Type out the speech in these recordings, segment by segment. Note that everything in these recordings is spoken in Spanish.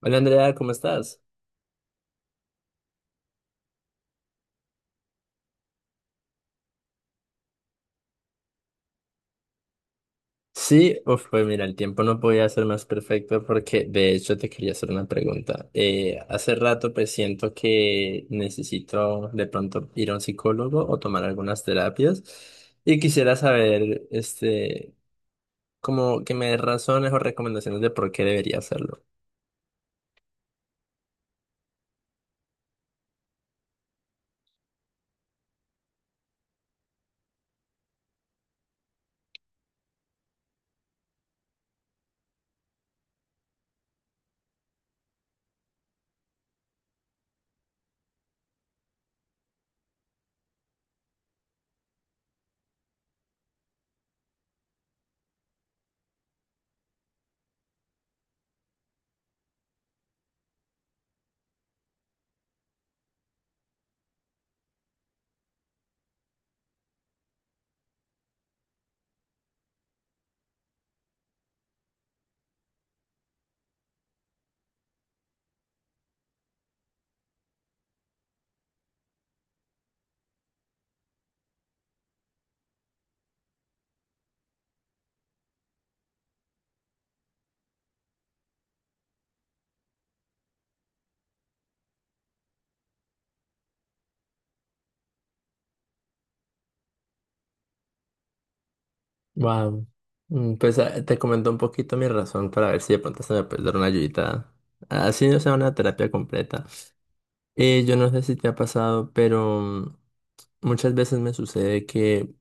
Hola Andrea, ¿cómo estás? Sí, uf, pues mira, el tiempo no podía ser más perfecto porque de hecho te quería hacer una pregunta. Hace rato pues siento que necesito de pronto ir a un psicólogo o tomar algunas terapias y quisiera saber, como que me des razones o recomendaciones de por qué debería hacerlo. Wow. Pues te comento un poquito mi razón para ver si de pronto se me puede dar una ayudita. Así no sea una terapia completa. Yo no sé si te ha pasado, pero muchas veces me sucede que,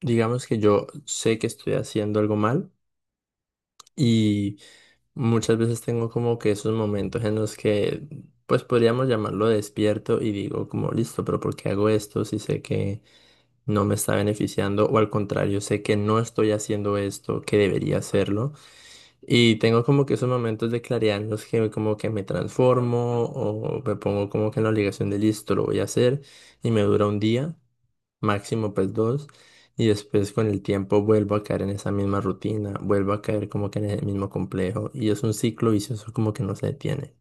digamos que yo sé que estoy haciendo algo mal y muchas veces tengo como que esos momentos en los que, pues podríamos llamarlo despierto y digo como, listo, pero ¿por qué hago esto si sé que no me está beneficiando? O al contrario, sé que no estoy haciendo esto, que debería hacerlo. Y tengo como que esos momentos de claridad en los que como que me transformo o me pongo como que en la obligación de listo, lo voy a hacer y me dura un día. Máximo pues dos, y después con el tiempo vuelvo a caer en esa misma rutina, vuelvo a caer como que en el mismo complejo, y es un ciclo vicioso como que no se detiene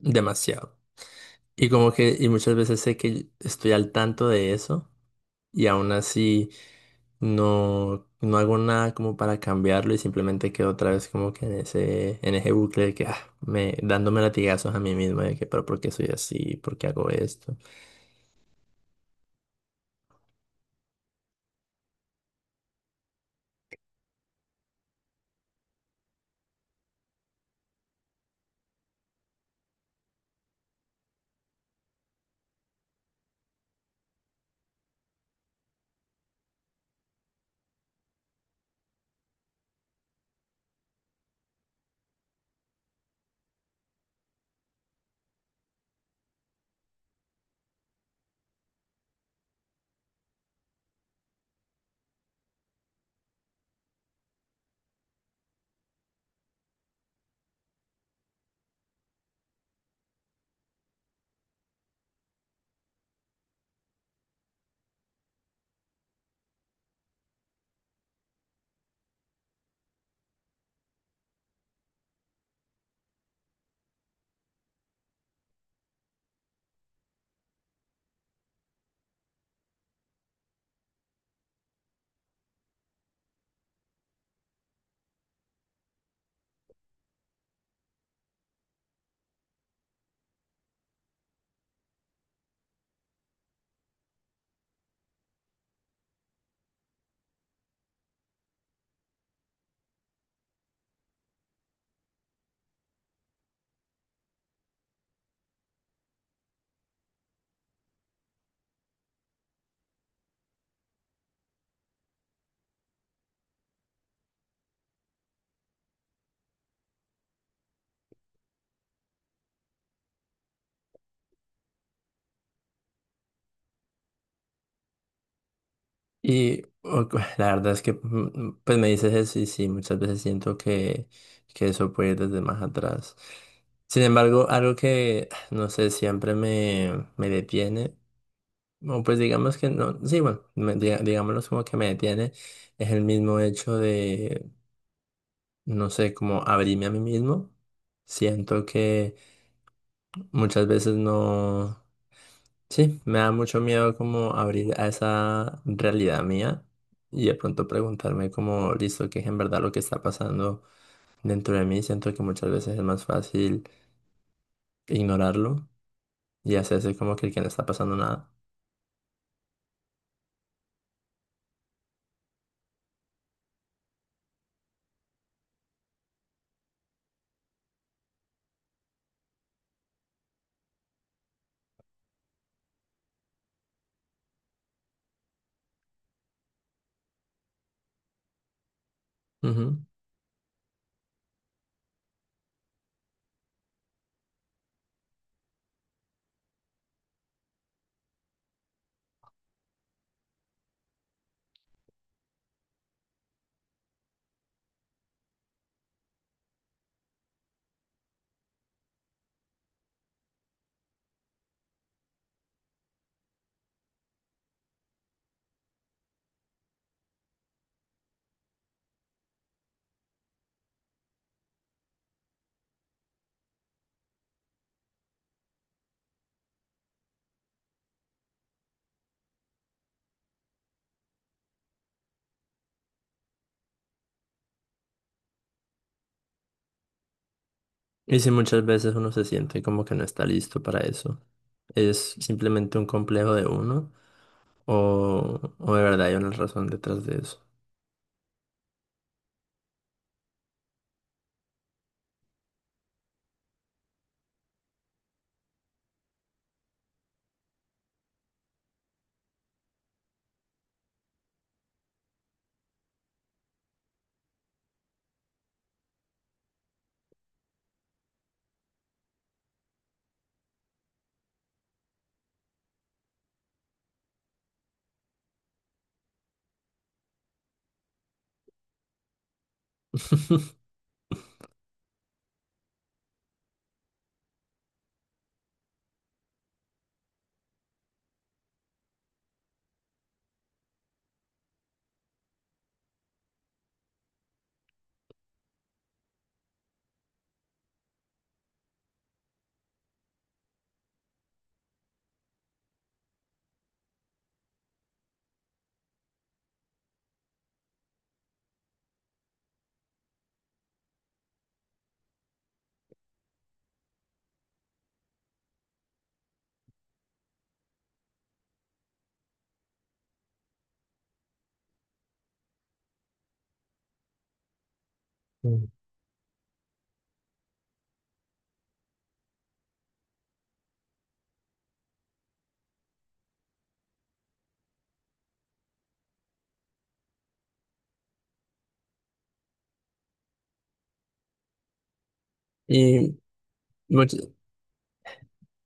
demasiado. Y como que, y muchas veces sé que estoy al tanto de eso, y aún así no hago nada como para cambiarlo, y simplemente quedo otra vez como que en ese bucle de que, ah, me, dándome latigazos a mí mismo de que, pero ¿por qué soy así? ¿Por qué hago esto? Y o- la verdad es que, mm, pues me dices eso y sí, muchas veces siento que eso puede ir desde más atrás. Sin embargo, algo que, no sé, siempre me detiene, o pues digamos que no, sí, bueno, digámoslo como que me detiene, es el mismo hecho de, no sé, como abrirme a mí mismo. Siento que muchas veces no. Sí, me da mucho miedo como abrir a esa realidad mía y de pronto preguntarme como, listo, qué es en verdad lo que está pasando dentro de mí. Siento que muchas veces es más fácil ignorarlo y hacerse como que no está pasando nada. Ujú. Y si muchas veces uno se siente como que no está listo para eso, ¿es simplemente un complejo de uno o de verdad hay una razón detrás de eso? Mm. Y much-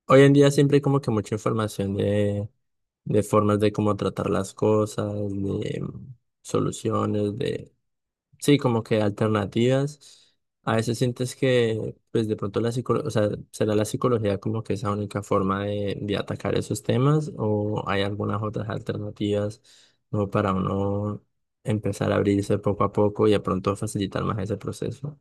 Hoy en día siempre hay como que mucha información de formas de cómo tratar las cosas, de soluciones, de, sí, como que alternativas. A veces sientes que, pues de pronto la psicología, o sea, ¿será la psicología como que esa única forma de atacar esos temas o hay algunas otras alternativas como para uno empezar a abrirse poco a poco y de pronto facilitar más ese proceso?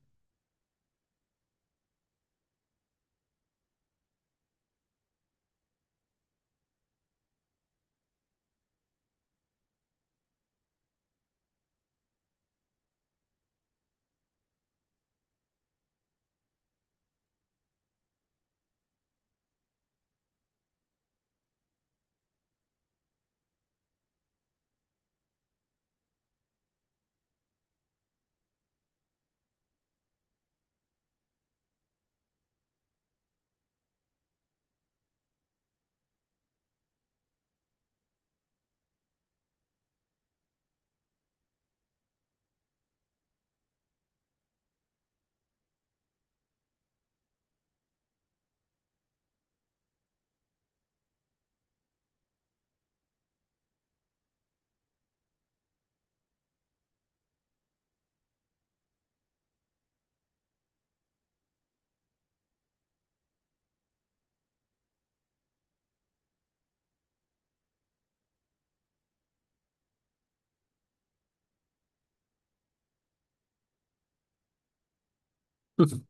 Ujú.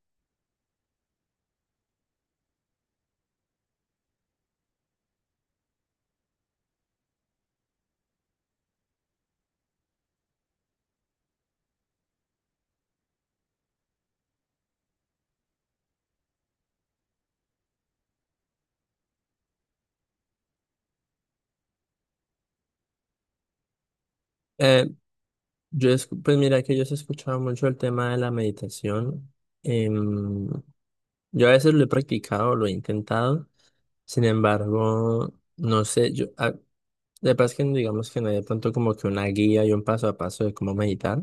Eh, pues mira que yo sí he escuchado mucho el tema de la meditación. Em, yo a veces lo he practicado, lo he intentado. Sin embargo, no sé, yo, ah, de paz que digamos que no hay de pronto como que una guía y un paso a paso de cómo meditar.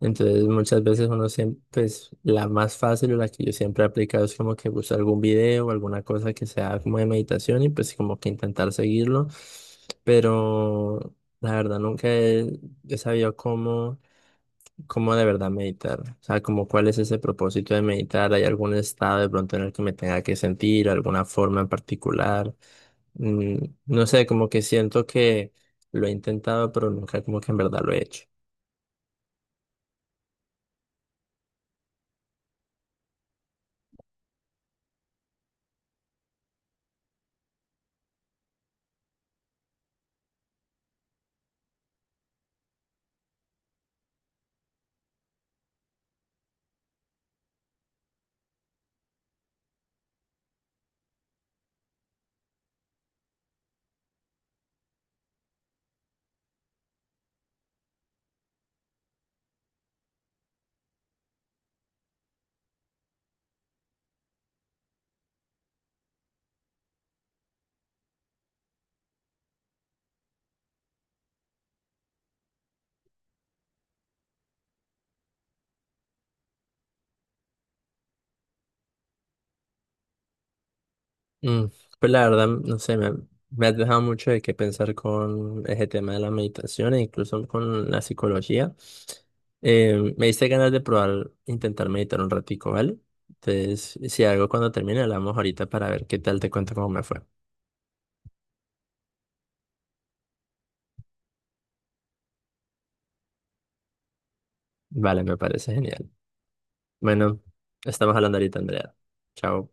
Entonces muchas veces uno siempre, pues la más fácil o la que yo siempre he aplicado es como que buscar algún video o alguna cosa que sea como de meditación y pues como que intentar seguirlo. Pero la verdad nunca he sabido cómo. ¿Cómo de verdad meditar? O sea, como ¿cuál es ese propósito de meditar? ¿Hay algún estado de pronto en el que me tenga que sentir, alguna forma en particular? Mm, no sé, como que siento que lo he intentado, pero nunca como que en verdad lo he hecho. Mm, pues la verdad, no sé, me has dejado mucho de qué pensar con ese tema de la meditación e incluso con la psicología. Me diste ganas de probar, intentar meditar un ratico, ¿vale? Entonces, si algo cuando termine, hablamos ahorita para ver qué tal te cuento cómo me fue. Vale, me parece genial. Bueno, estamos hablando ahorita, Andrea. Chao.